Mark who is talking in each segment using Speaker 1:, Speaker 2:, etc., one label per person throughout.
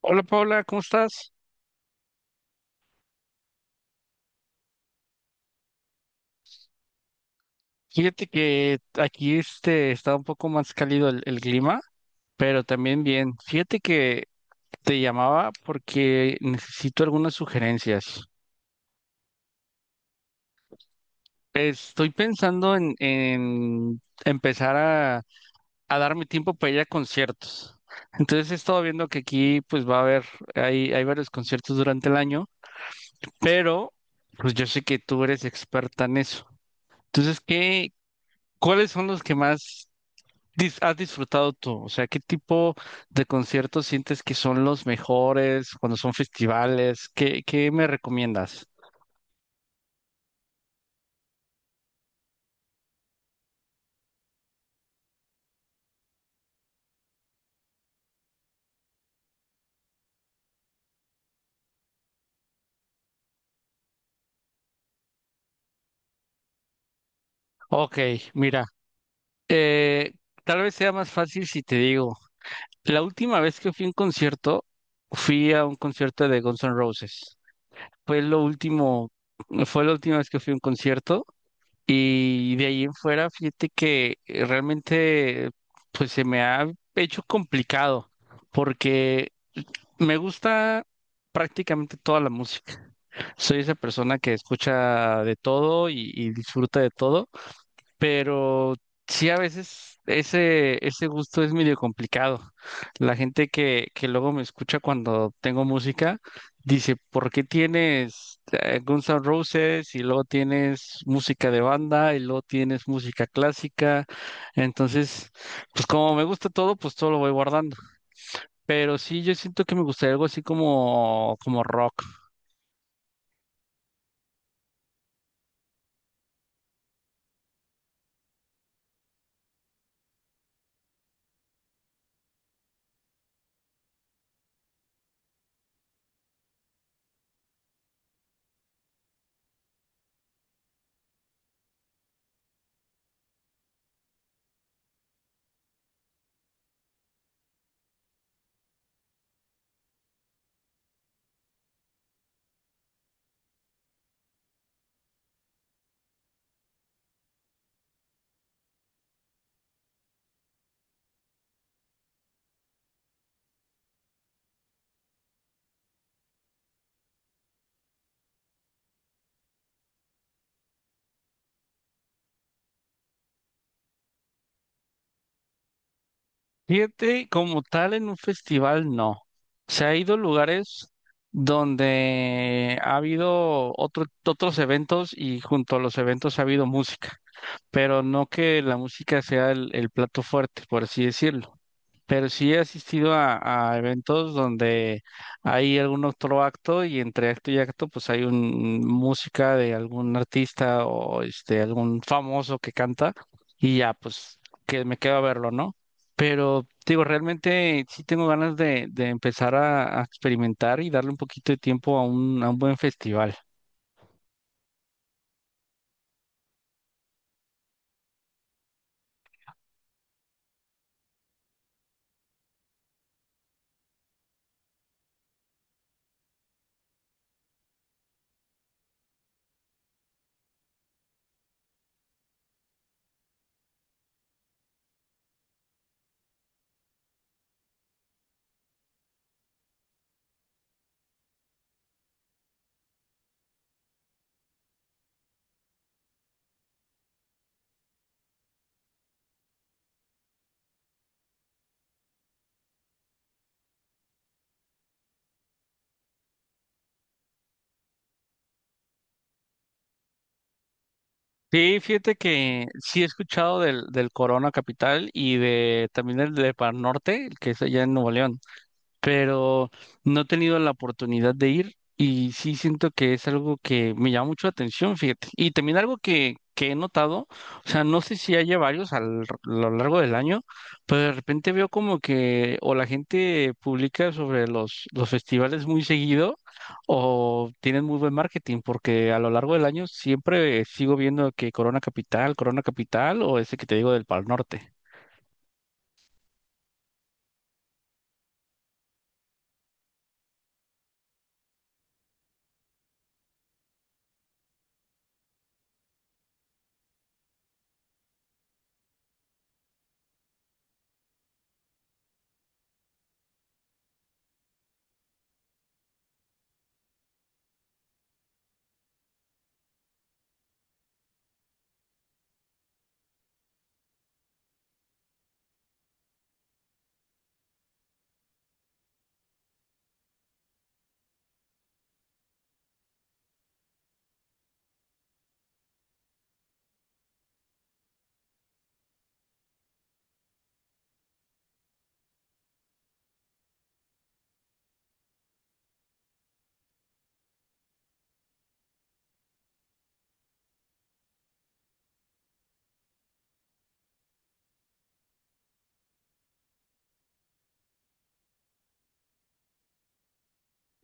Speaker 1: Hola Paula, ¿cómo estás? Fíjate que aquí está un poco más cálido el clima, pero también bien. Fíjate que te llamaba porque necesito algunas sugerencias. Estoy pensando en empezar a darme tiempo para ir a conciertos. Entonces he estado viendo que aquí pues va a haber, hay varios conciertos durante el año, pero pues yo sé que tú eres experta en eso. Entonces, ¿ cuáles son los que más has disfrutado tú? O sea, ¿qué tipo de conciertos sientes que son los mejores cuando son festivales? ¿Qué me recomiendas? Ok, mira, eh, tal vez sea más fácil si te digo, la última vez que fui a un concierto, fui a un concierto de Guns N' Roses. Fue lo último, fue la última vez que fui a un concierto y de ahí en fuera, fíjate que realmente pues se me ha hecho complicado porque me gusta prácticamente toda la música. Soy esa persona que escucha de todo y disfruta de todo, pero sí a veces ese gusto es medio complicado. La gente que luego me escucha cuando tengo música dice, ¿por qué tienes Guns N' Roses y luego tienes música de banda y luego tienes música clásica? Entonces, pues como me gusta todo, pues todo lo voy guardando. Pero sí, yo siento que me gustaría algo así como, como rock. Fíjate, como tal, en un festival no. Se ha ido a lugares donde ha habido otros eventos y junto a los eventos ha habido música, pero no que la música sea el plato fuerte, por así decirlo. Pero sí he asistido a eventos donde hay algún otro acto y entre acto y acto pues hay un música de algún artista o algún famoso que canta y ya pues que me quedo a verlo, ¿no? Pero digo, realmente sí tengo ganas de empezar a experimentar y darle un poquito de tiempo a un buen festival. Sí, fíjate que sí he escuchado del Corona Capital y de también el de Pan Norte, el que es allá en Nuevo León. Pero no he tenido la oportunidad de ir y sí siento que es algo que me llama mucho la atención, fíjate. Y también algo que he notado, o sea, no sé si haya varios a lo largo del año, pero de repente veo como que o la gente publica sobre los festivales muy seguido o tienen muy buen marketing, porque a lo largo del año siempre sigo viendo que Corona Capital, Corona Capital o ese que te digo del Pal Norte.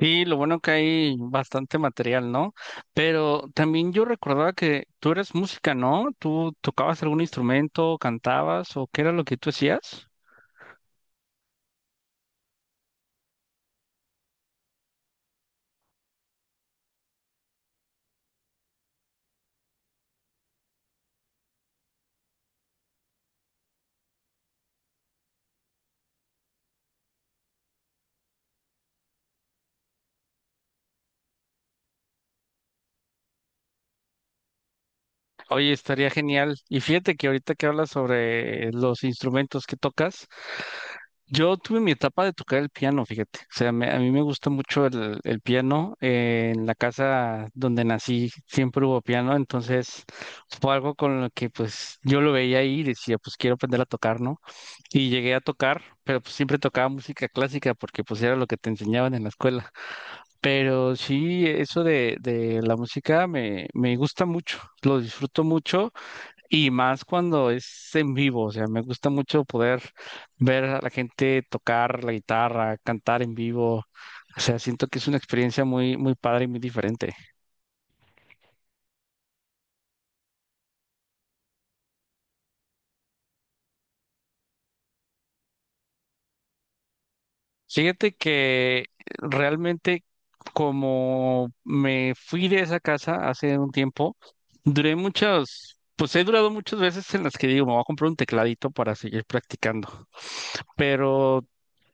Speaker 1: Sí, lo bueno que hay bastante material, ¿no? Pero también yo recordaba que tú eres música, ¿no? ¿Tú tocabas algún instrumento, cantabas o qué era lo que tú hacías? Oye, estaría genial. Y fíjate que ahorita que hablas sobre los instrumentos que tocas, yo tuve mi etapa de tocar el piano, fíjate. O sea, a mí me gusta mucho el piano. En la casa donde nací siempre hubo piano, entonces fue algo con lo que pues yo lo veía ahí y decía, pues quiero aprender a tocar, ¿no? Y llegué a tocar, pero pues siempre tocaba música clásica porque pues era lo que te enseñaban en la escuela. Pero sí, eso de la música me, me gusta mucho, lo disfruto mucho y más cuando es en vivo, o sea, me gusta mucho poder ver a la gente tocar la guitarra, cantar en vivo. O sea, siento que es una experiencia muy, muy padre y muy diferente. Fíjate que realmente como me fui de esa casa hace un tiempo, duré muchas, pues he durado muchas veces en las que digo, me voy a comprar un tecladito para seguir practicando. Pero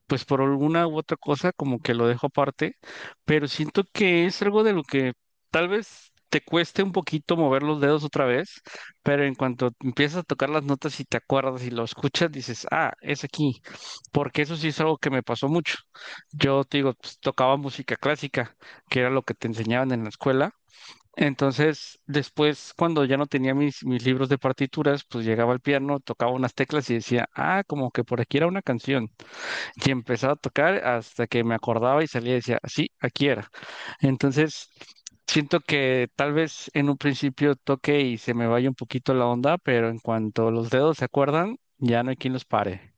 Speaker 1: pues por alguna u otra cosa como que lo dejo aparte, pero siento que es algo de lo que tal vez te cueste un poquito mover los dedos otra vez, pero en cuanto empiezas a tocar las notas y te acuerdas y lo escuchas, dices, ah, es aquí, porque eso sí es algo que me pasó mucho. Yo te digo, pues, tocaba música clásica, que era lo que te enseñaban en la escuela. Entonces, después, cuando ya no tenía mis libros de partituras, pues llegaba al piano, tocaba unas teclas y decía, ah, como que por aquí era una canción y empezaba a tocar hasta que me acordaba y salía y decía, sí, aquí era. Entonces, siento que tal vez en un principio toque y se me vaya un poquito la onda, pero en cuanto los dedos se acuerdan, ya no hay quien los pare.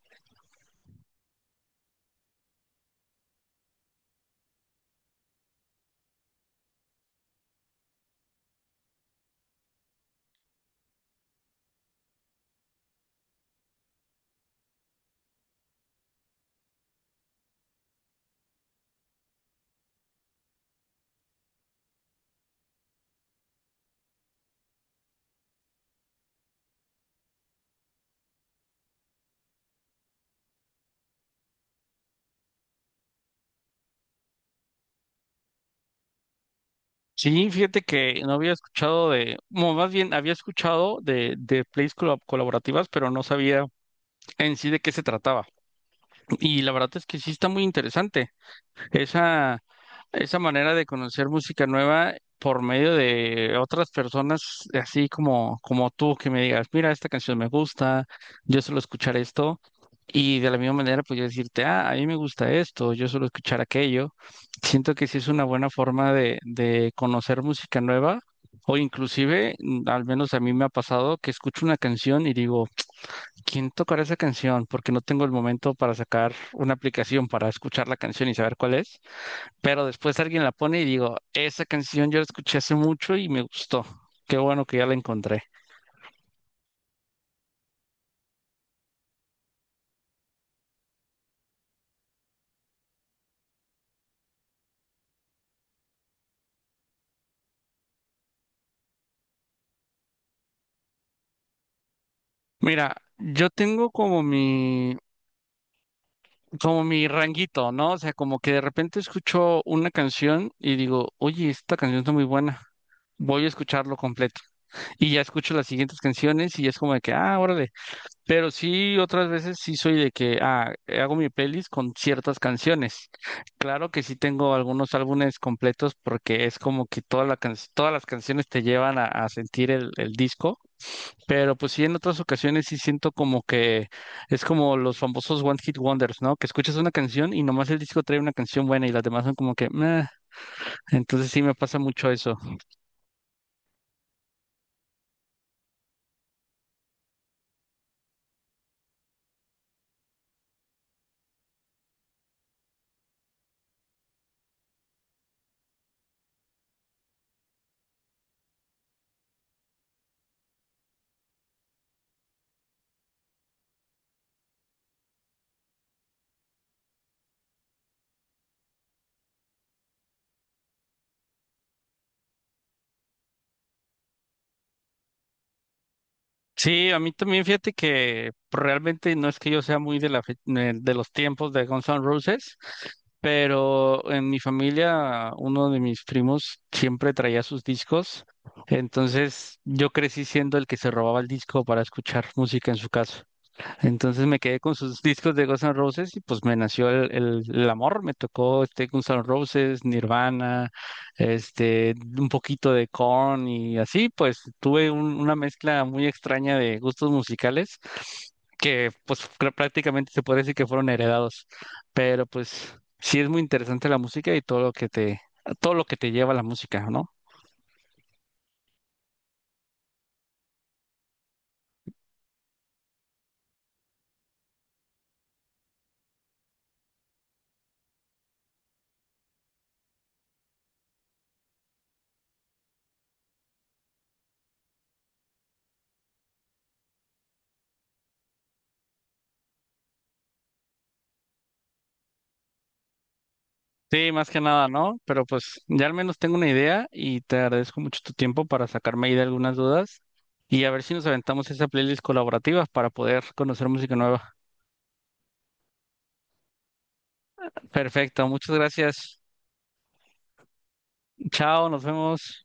Speaker 1: Sí, fíjate que no había escuchado de, bueno, más bien había escuchado de plays colaborativas, pero no sabía en sí de qué se trataba. Y la verdad es que sí está muy interesante. Esa, Esa manera de conocer música nueva por medio de otras personas, así como, como tú, que me digas, mira, esta canción me gusta, yo suelo escuchar esto, y de la misma manera, pues yo decirte, ah, a mí me gusta esto, yo suelo escuchar aquello. Siento que sí es una buena forma de conocer música nueva, o inclusive, al menos a mí me ha pasado, que escucho una canción y digo, ¿quién tocará esa canción? Porque no tengo el momento para sacar una aplicación para escuchar la canción y saber cuál es, pero después alguien la pone y digo, esa canción yo la escuché hace mucho y me gustó. Qué bueno que ya la encontré. Mira, yo tengo como mi ranguito, ¿no? O sea, como que de repente escucho una canción y digo, oye, esta canción está muy buena. Voy a escucharlo completo. Y ya escucho las siguientes canciones y es como de que, ah, órale. Pero sí, otras veces sí soy de que ah, hago mi playlist con ciertas canciones. Claro que sí tengo algunos álbumes completos porque es como que toda la todas las canciones te llevan a sentir el disco, pero pues sí en otras ocasiones sí siento como que es como los famosos One Hit Wonders, ¿no? Que escuchas una canción y nomás el disco trae una canción buena y las demás son como que meh. Entonces sí me pasa mucho eso. Sí, a mí también fíjate que pues, realmente no es que yo sea muy de la de los tiempos de Guns N' Roses, pero en mi familia uno de mis primos siempre traía sus discos, entonces yo crecí siendo el que se robaba el disco para escuchar música en su casa. Entonces me quedé con sus discos de Guns N' Roses y pues me nació el amor, me tocó Guns N' Roses, Nirvana, un poquito de Korn y así, pues tuve una mezcla muy extraña de gustos musicales que pues prácticamente se puede decir que fueron heredados, pero pues sí es muy interesante la música y todo lo que te, todo lo que te lleva a la música, ¿no? Sí, más que nada, ¿no? Pero pues ya al menos tengo una idea y te agradezco mucho tu tiempo para sacarme ahí de algunas dudas y a ver si nos aventamos esa playlist colaborativa para poder conocer música nueva. Perfecto, muchas gracias. Chao, nos vemos.